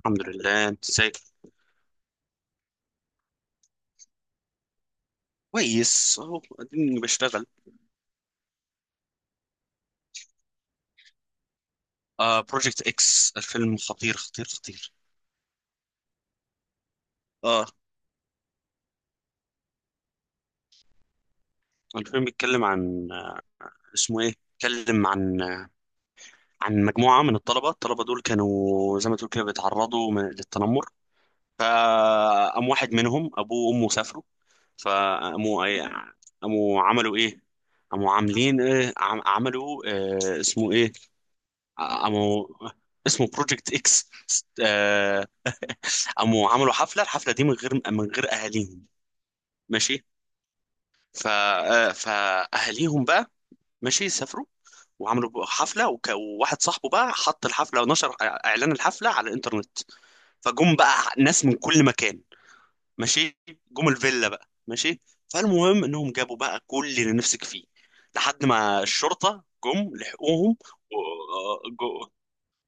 الحمد لله، انت ازيك؟ كويس اهو، اديني بشتغل. بروجكت اكس، الفيلم خطير خطير خطير. اه. الفيلم بيتكلم عن اسمه ايه؟ بيتكلم عن عن مجموعة من الطلبة دول، كانوا زي ما تقول كده بيتعرضوا للتنمر. فقام واحد منهم ابوه وامه سافروا، فقاموا ايه؟ قاموا عملوا ايه؟ قاموا عاملين ايه؟ عملوا اسمه ايه؟ قاموا، اسمه بروجكت اكس. قاموا عملوا حفله، الحفله دي من غير اهاليهم. ماشي. ف آه، فاهاليهم بقى، ماشي سافروا وعملوا حفله وواحد صاحبه بقى حط الحفله ونشر اعلان الحفله على الانترنت، فجم بقى ناس من كل مكان. ماشي، جم الفيلا بقى، ماشي. فالمهم انهم جابوا بقى كل اللي نفسك فيه لحد ما الشرطه جم لحقوهم. و...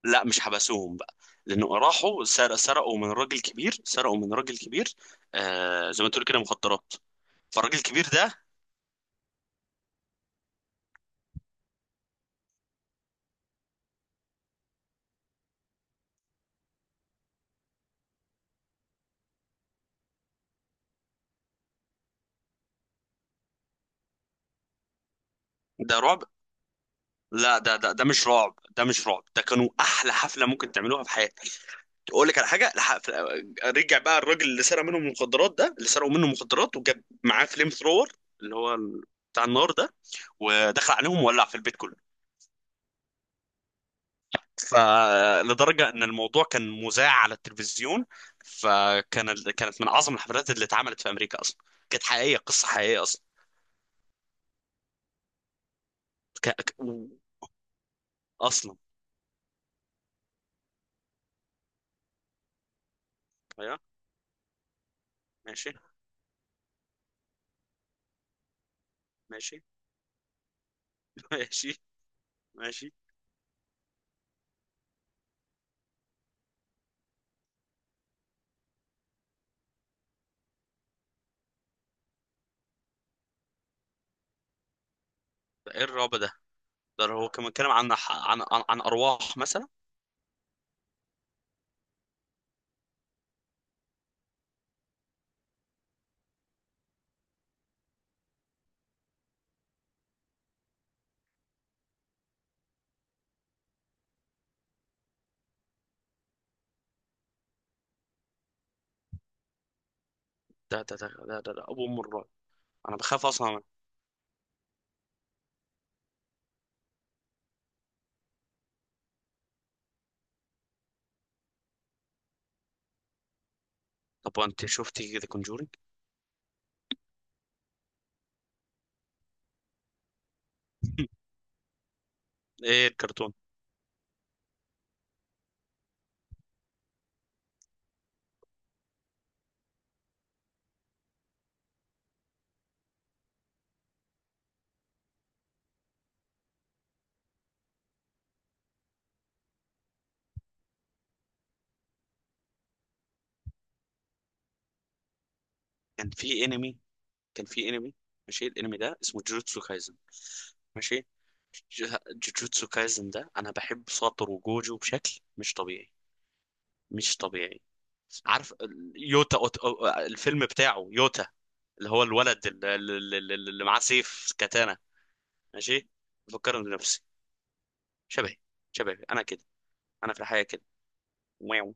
لا، مش حبسوهم بقى، لانه راحوا سرقوا من راجل كبير، سرقوا من راجل كبير. زي ما تقول كده مخدرات. فالراجل الكبير ده. ده رعب. لا، ده مش رعب، ده مش رعب، ده كانوا احلى حفله ممكن تعملوها في حياتك. اقول لك على حاجه. رجع بقى الراجل اللي سرق منهم المخدرات، ده اللي سرقوا منه المخدرات، وجاب معاه فليم ثرور، اللي هو بتاع النار ده، ودخل عليهم وولع في البيت كله. فلدرجة ان الموضوع كان مذاع على التلفزيون، كانت من اعظم الحفلات اللي اتعملت في امريكا اصلا، كانت حقيقية، قصة حقيقية اصلا. ك... ك... و- اصلا. أيوة. ماشي. ماشي. ماشي. ماشي. ايه الرعب ده؟ ده هو كان بيتكلم عن عن عن ارواح مثلا. ده ابو ام الرعب. انا بخاف اصلا منه. طب وانت شفتي ذا كونجورينج؟ ايه الكرتون؟ كان في انمي كان في انمي. ماشي، الانمي ده اسمه جوجوتسو كايزن. ماشي. جوجوتسو كايزن ده، انا بحب ساتور وجوجو بشكل مش طبيعي، مش طبيعي. عارف يوتا؟ الفيلم بتاعه يوتا، اللي هو الولد اللي معاه سيف كاتانا. ماشي. بفكرني بنفسي، شبهي، شبهي انا كده، انا في الحياة كده. واو.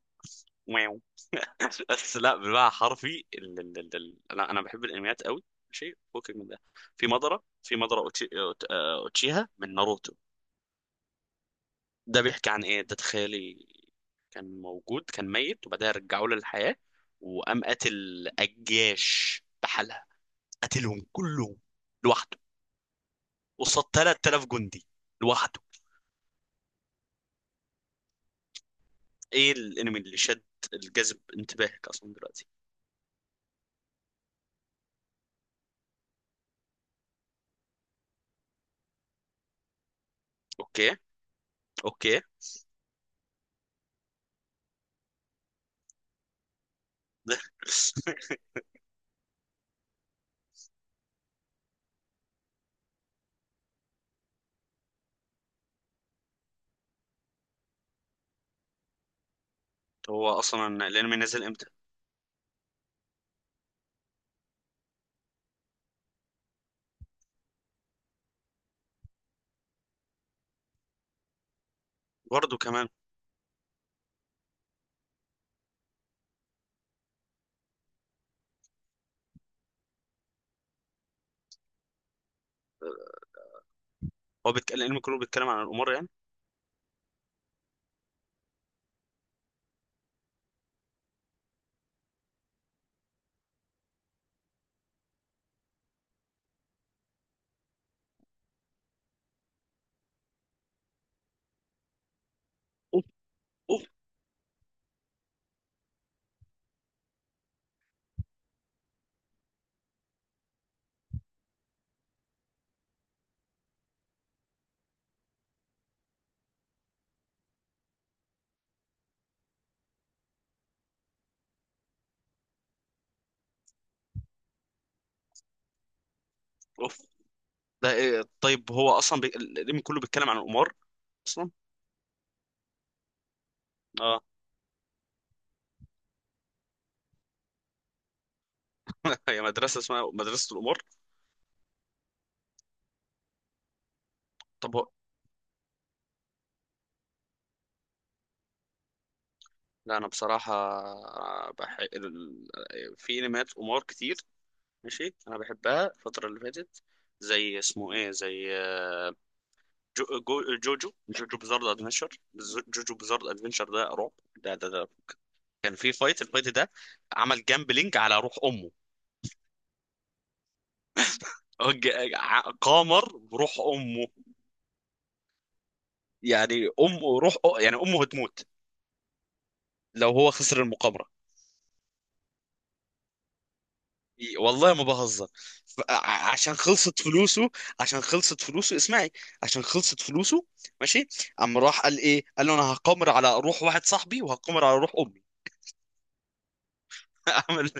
واو. بس لا، بالمعنى حرفي انا بحب الانميات قوي، شيء فوق من ده. في مضرة، أوتشي... أوت- آه، اوتشيها من ناروتو. ده بيحكي عن ايه ده، تخيلي. كان موجود، كان ميت، وبعدها رجعوه للحياة وقام قتل الجيش بحالها، قتلهم كلهم لوحده، قصاد 3000 جندي لوحده. ايه الانمي اللي شد الجذب انتباهك اصلا دلوقتي؟ اوكي. اوكي. هو اصلا الانمي نزل امتى؟ برضه كمان. هو بيتكلم الانمي كله بيتكلم عن القمار يعني؟ اوف. اوف. اوف. ده ايه؟ طيب هو اصلا الانمي كله بيتكلم عن القمار اصلا. اه. هي مدرسه اسمها مدرسه القمار؟ طب هو... لا، انا بصراحه بح... ال- في انميات قمار كتير. ماشي، انا بحبها الفتره اللي فاتت. زي اسمه ايه؟ زي جو... جو... جوجو جوجو بزارد ادفنشر. جوجو بزارد ادفنشر ده رعب، ده كان في فايت، الفايت ده عمل جامبلينج على روح امه. قمر بروح امه. يعني امه روح، يعني امه هتموت لو هو خسر المقامرة. والله ما بهزر. عشان خلصت فلوسه، عشان خلصت فلوسه اسمعي، عشان خلصت فلوسه. ماشي، قام راح قال ايه؟ قال له انا هقامر على روح واحد صاحبي وهقامر على روح امي. قام ال-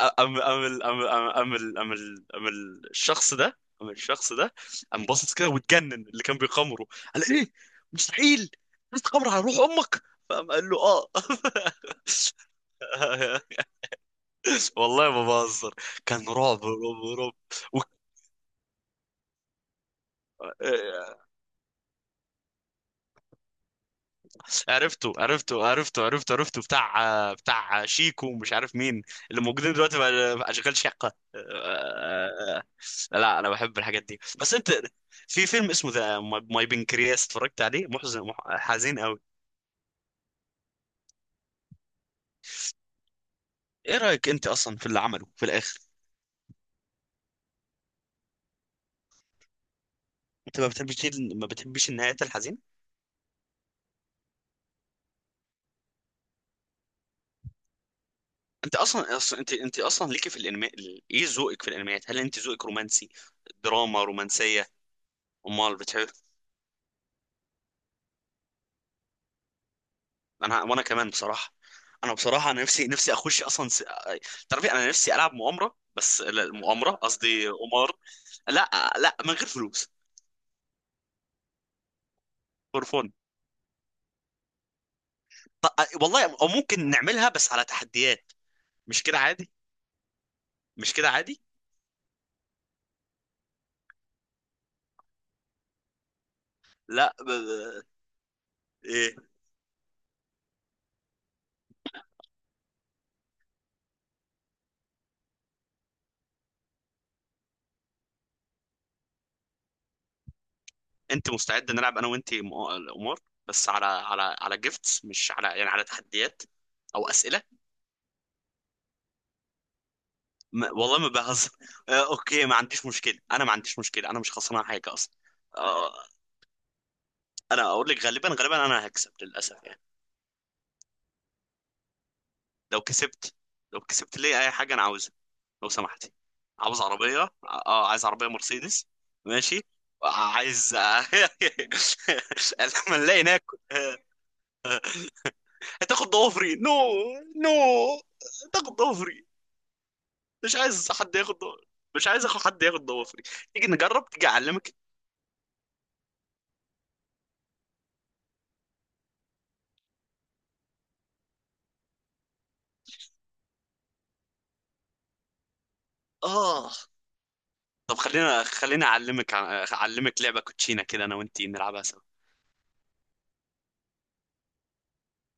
قام قام ال- قام قام قام ال- قام ال- قام ال- الشخص ده، قام الشخص ده قام باصص كده واتجنن اللي كان بيقامره، قال ايه؟ مستحيل! انت تقامر على روح امك؟ فقام قال له اه. والله ما بهزر، كان رعب رعب رعب. و... آه، عرفته، عرفته، عرفته، عرفته، عرفته، بتاع شيكو ومش عارف مين، اللي موجودين دلوقتي بقى، اشغال شقة. لا، انا بحب الحاجات دي بس انت. في فيلم اسمه ذا ماي بنكرياس اتفرجت عليه، محزن، حزين قوي. ايه رأيك انت اصلا في اللي عمله في الاخر؟ انت ما بتحبش، ما بتحبش النهايات الحزينة. انت اصلا ليكي في الانمي، ايه ذوقك في الانميات؟ هل انت ذوقك رومانسي؟ دراما رومانسية؟ امال بتحب؟ وانا كمان بصراحه. انا بصراحه، انا نفسي اخش اصلا. تعرفي انا نفسي العب مؤامره، بس لا، مؤامره قصدي قمار. لا، لا، من غير فلوس. فور فون. والله، او ممكن نعملها بس على تحديات. مش كده عادي، مش كده عادي. لا ب... ب- إيه. انت مستعد نلعب انا وانت قمار؟ بس على جيفتس، مش على يعني على تحديات او اسئله. ما... والله ما بهزر. اوكي ما عنديش مشكله، انا ما عنديش مشكله، انا مش خسران حاجه اصلا. آه، انا اقول لك غالبا، غالبا انا هكسب للاسف يعني. لو كسبت، لي اي حاجه انا عاوزها، لو سمحتي. عاوز عربيه، اه. عايز عربيه مرسيدس. ماشي. عايز. لما نلاقي ناكل. هتاخد ضوافري؟ نو. نو، هتاخد ضوافري. مش عايز حد ياخد ضوافري، مش عايز اخد حد ياخد ضوافري، تيجي نجرب، تيجي اعلمك. اه. طب خلينا اعلمك لعبه كوتشينه كده، انا وانتي نلعبها.